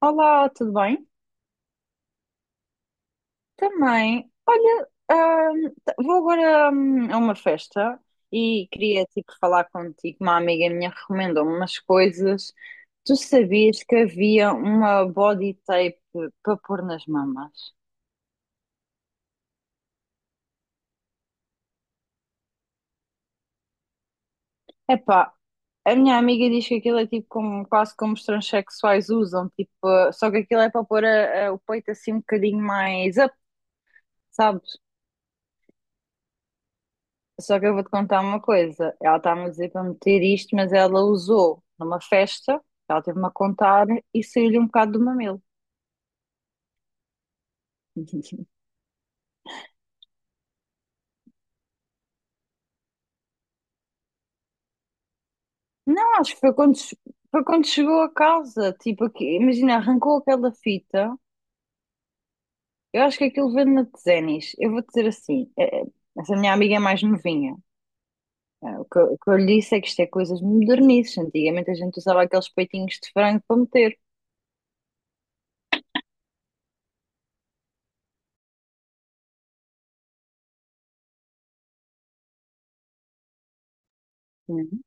Olá, tudo bem? Também. Olha, vou agora, a uma festa e queria tipo falar contigo. Uma amiga minha recomendou-me umas coisas. Tu sabias que havia uma body tape para pôr nas mamas? Epá, a minha amiga diz que aquilo é tipo como, quase como os transexuais usam, tipo, só que aquilo é para pôr o peito assim um bocadinho mais up, sabe? Só que eu vou-te contar uma coisa. Ela está a dizer para meter isto, mas ela usou numa festa, ela teve-me a contar e saiu-lhe um bocado do mamilo. Não, acho que foi quando, foi quando chegou a casa. Tipo, aqui, imagina, arrancou aquela fita. Eu acho que aquilo vende na Tezenis. Eu vou-te dizer assim: essa minha amiga é mais novinha. O que, o que eu lhe disse é que isto é coisas modernices. Antigamente a gente usava aqueles peitinhos de frango para meter. Uhum.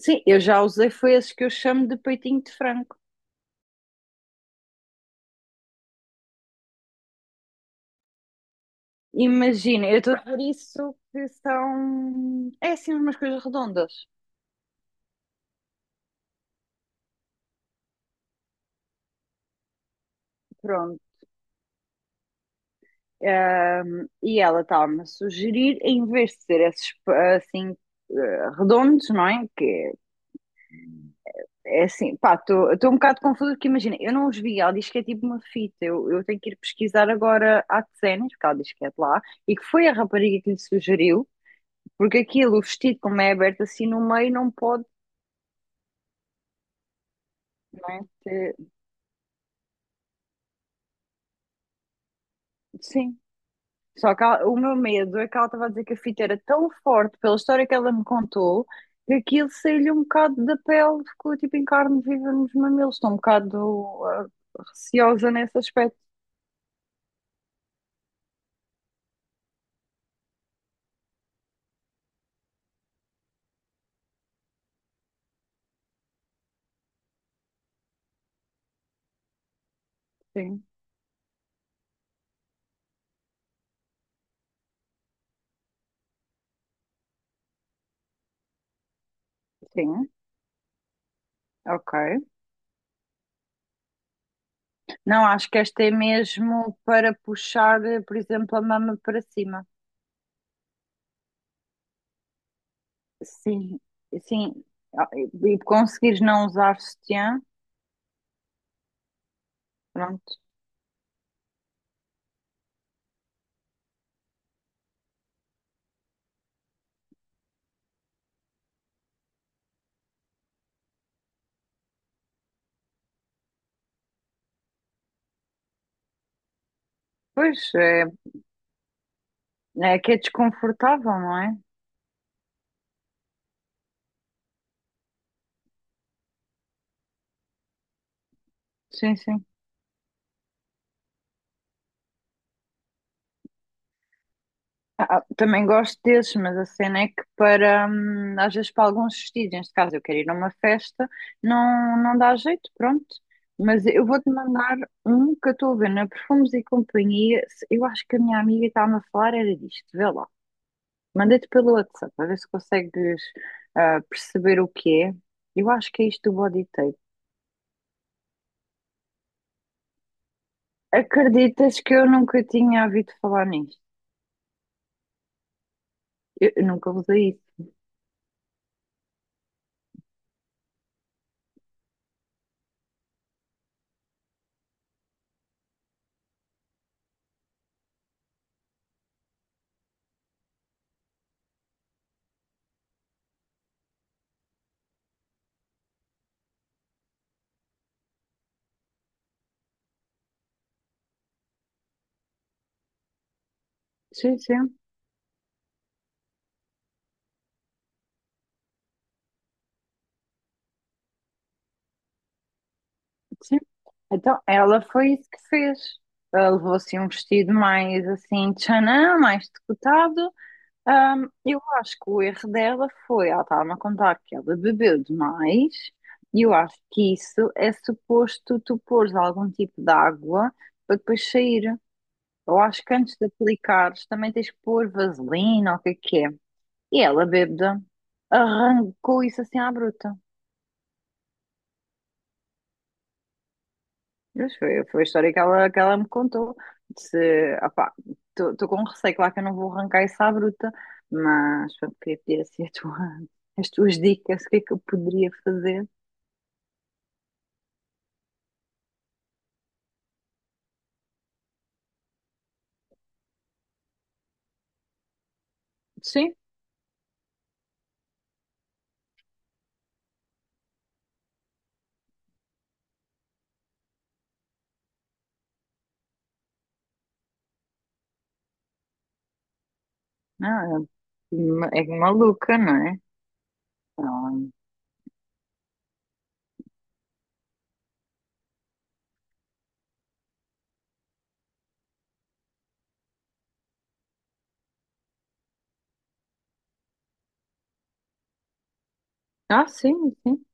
Sim, eu já usei, foi esses que eu chamo de peitinho de frango. Imagina, eu estou por isso que são. É assim umas coisas redondas. Pronto. E ela estava-me a sugerir, em vez de ser esses assim redondos, não é? Que é é assim, pá, estou um bocado confusa porque imagina, eu não os vi, ela diz que é tipo uma fita, eu tenho que ir pesquisar agora à Tsenes, porque ela diz que é de lá, e que foi a rapariga que lhe sugeriu, porque aquilo, o vestido, como é aberto assim no meio, não pode, não é? Sim. Só que o meu medo é que ela estava a dizer que a fita era tão forte pela história que ela me contou que aquilo saiu-lhe um bocado da pele, ficou tipo em carne viva nos mamilos. Estou um bocado receosa nesse aspecto. Sim, sim, ok. Não, acho que esta é mesmo para puxar, por exemplo, a mama para cima. Sim, sim. Ah, e conseguires não usar sutiã, pronto. Pois, é, é que é desconfortável, não é? Sim, sim. Ah, ah, também gosto desses, mas a cena é que para, às vezes para alguns vestidos, neste caso eu quero ir a uma festa, não dá jeito, pronto. Mas eu vou-te mandar um que eu estou a ver na Perfumes e Companhia. Eu acho que a minha amiga estava a falar era disto, vê lá. Mandei-te pelo WhatsApp, a ver se consegues perceber o que é. Eu acho que é isto do body tape. Acreditas que eu nunca tinha ouvido falar nisto? Eu nunca usei isso. Sim, sim. Sim. Então, ela foi isso que fez. Ela levou assim um vestido mais assim, tchanã, mais decotado. Eu acho que o erro dela foi, ela estava-me a contar que ela bebeu demais, e eu acho que isso é suposto tu pôres algum tipo de água para depois sair. Eu acho que antes de aplicares também tens que pôr vaselina ou o que é que é. E ela, bêbada, arrancou isso assim à bruta. Mas foi, foi a história que que ela me contou. Disse, opá, estou com um receio, claro que eu não vou arrancar isso à bruta, mas pronto, queria pedir assim as tuas dicas, o que é que eu poderia fazer? Sim, não, é, é maluca, não é? Então, ah, sim, sim.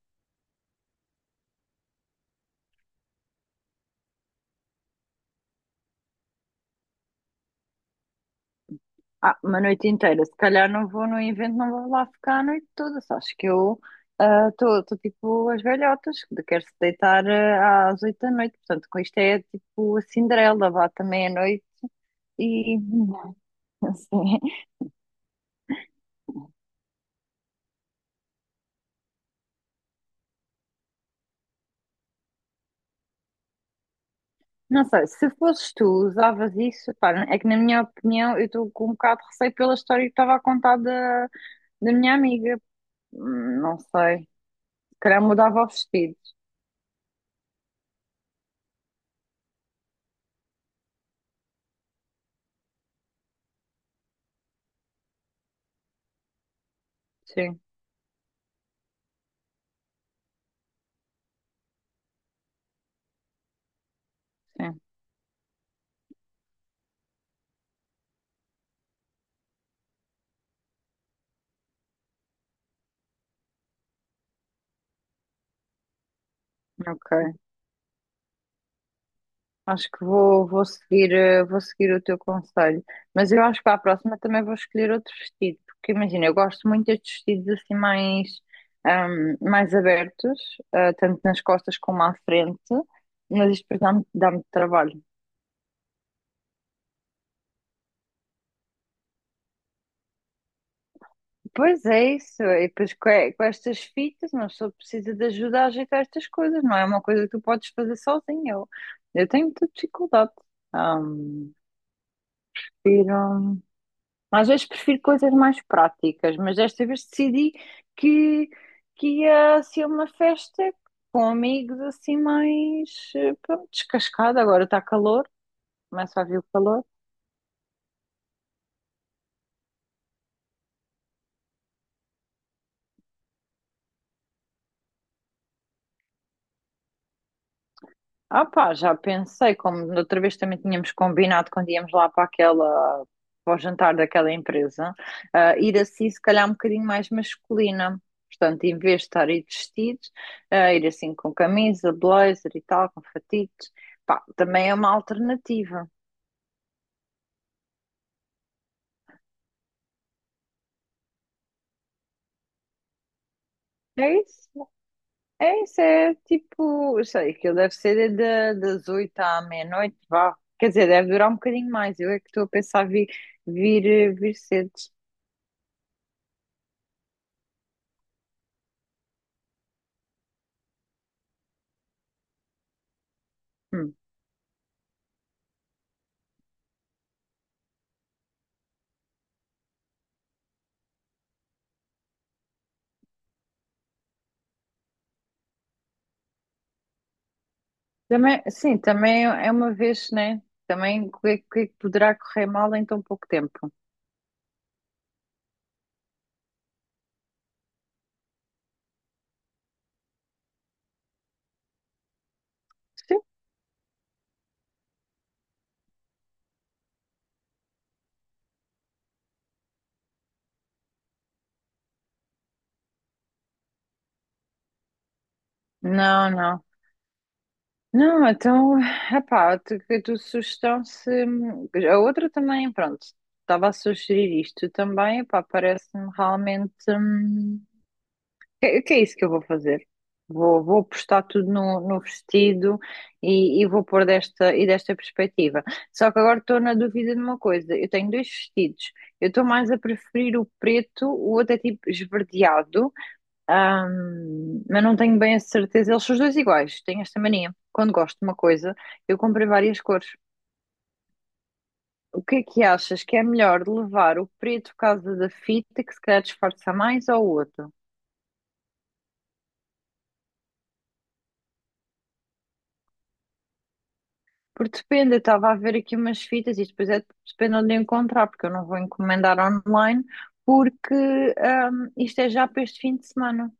Ah, uma noite inteira, se calhar não vou no evento, não vou lá ficar a noite toda, só acho que eu estou tipo as velhotas, que quero-se deitar às 8 da noite, portanto com isto é tipo a Cinderela, vá também à noite E não sei, não sei, se fosses tu, usavas isso, pá, é que na minha opinião eu estou com um bocado de receio pela história que estava a contar da minha amiga. Não sei, se calhar mudava os vestidos. Sim, sim, ok. Acho que vou, vou seguir, vou seguir o teu conselho. Mas eu acho que para a próxima também vou escolher outro vestido, porque imagina, eu gosto muito destes vestidos assim mais, mais abertos, tanto nas costas como à frente. Mas isto depois dá-me trabalho. Pois é isso, e depois com estas fitas uma pessoa precisa de ajuda a ajeitar estas coisas, não é uma coisa que tu podes fazer sozinha. Eu tenho muita dificuldade. Ahm, prefiro- às vezes prefiro coisas mais práticas, mas desta vez decidi que, que ia ser uma festa com amigos assim mais pronto, descascada. Agora está calor, começa a vir o calor. Ah pá, já pensei, como da outra vez também tínhamos combinado quando íamos lá para aquela, para o jantar daquela empresa, ir assim se calhar um bocadinho mais masculina. Portanto, em vez de estar aí de vestidos, ir assim com camisa, blazer e tal, com fatitos, pá, também é uma alternativa. É isso, é isso, é tipo, eu sei, aquilo deve ser das 8 à meia-noite, vá. Quer dizer, deve durar um bocadinho mais, eu é que estou a pensar vir, vir, vir cedo. Hum. Também, sim, também é uma vez, né? Também o que, o que é que poderá correr mal em tão pouco tempo? Sim. Não, não. Não, então, epá, a tua sugestão se. A outra também, pronto, estava a sugerir isto também, epá, parece-me realmente. Hum, que é isso que eu vou fazer? Vou, vou postar tudo no vestido e vou pôr e desta perspectiva. Só que agora estou na dúvida de uma coisa. Eu tenho dois vestidos. Eu estou mais a preferir o preto, o outro é tipo esverdeado, mas não tenho bem a certeza. Eles são os dois iguais. Tenho esta mania. Quando gosto de uma coisa, eu comprei várias cores. O que é que achas que é melhor de levar o preto por causa da fita, que se calhar disfarça mais, ou o outro? Porque depende, eu estava a ver aqui umas fitas e depois é, depende onde encontrar, porque eu não vou encomendar online, porque isto é já para este fim de semana.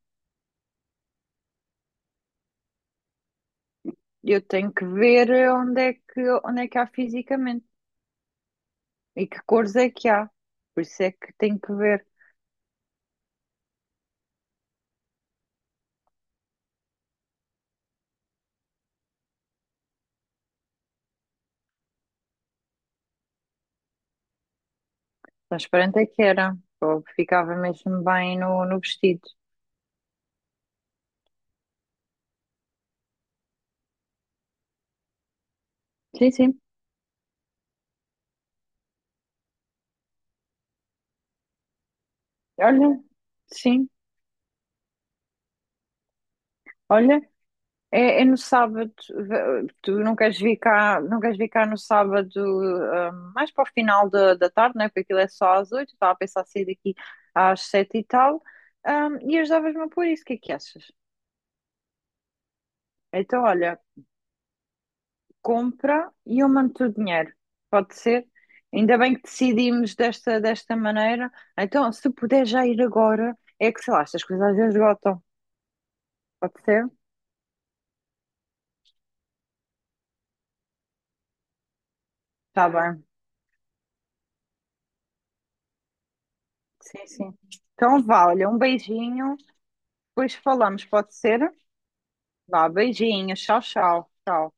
Eu tenho que ver onde é que há fisicamente e que cores é que há. Por isso é que tenho que ver. Transparente é que era, ou ficava mesmo bem no vestido. Sim, sim. Olha, sim, olha. É, é no sábado, tu não queres vir cá, não queres vir cá no sábado, mais para o final da tarde, né? Porque aquilo é só às 8, estava a pensar sair daqui às 7 e tal, ah, e ajudavas-me a pôr isso, o que é que achas? Então, olha, compra e eu mando-te o dinheiro, pode ser? Ainda bem que decidimos desta, desta maneira, então se puder já ir agora, é que sei lá, estas coisas às vezes esgotam, pode ser? Tá bem, sim, sim. Então vá, olha, um beijinho, depois falamos, pode ser? Vá, beijinho, tchau, tchau. Tchau.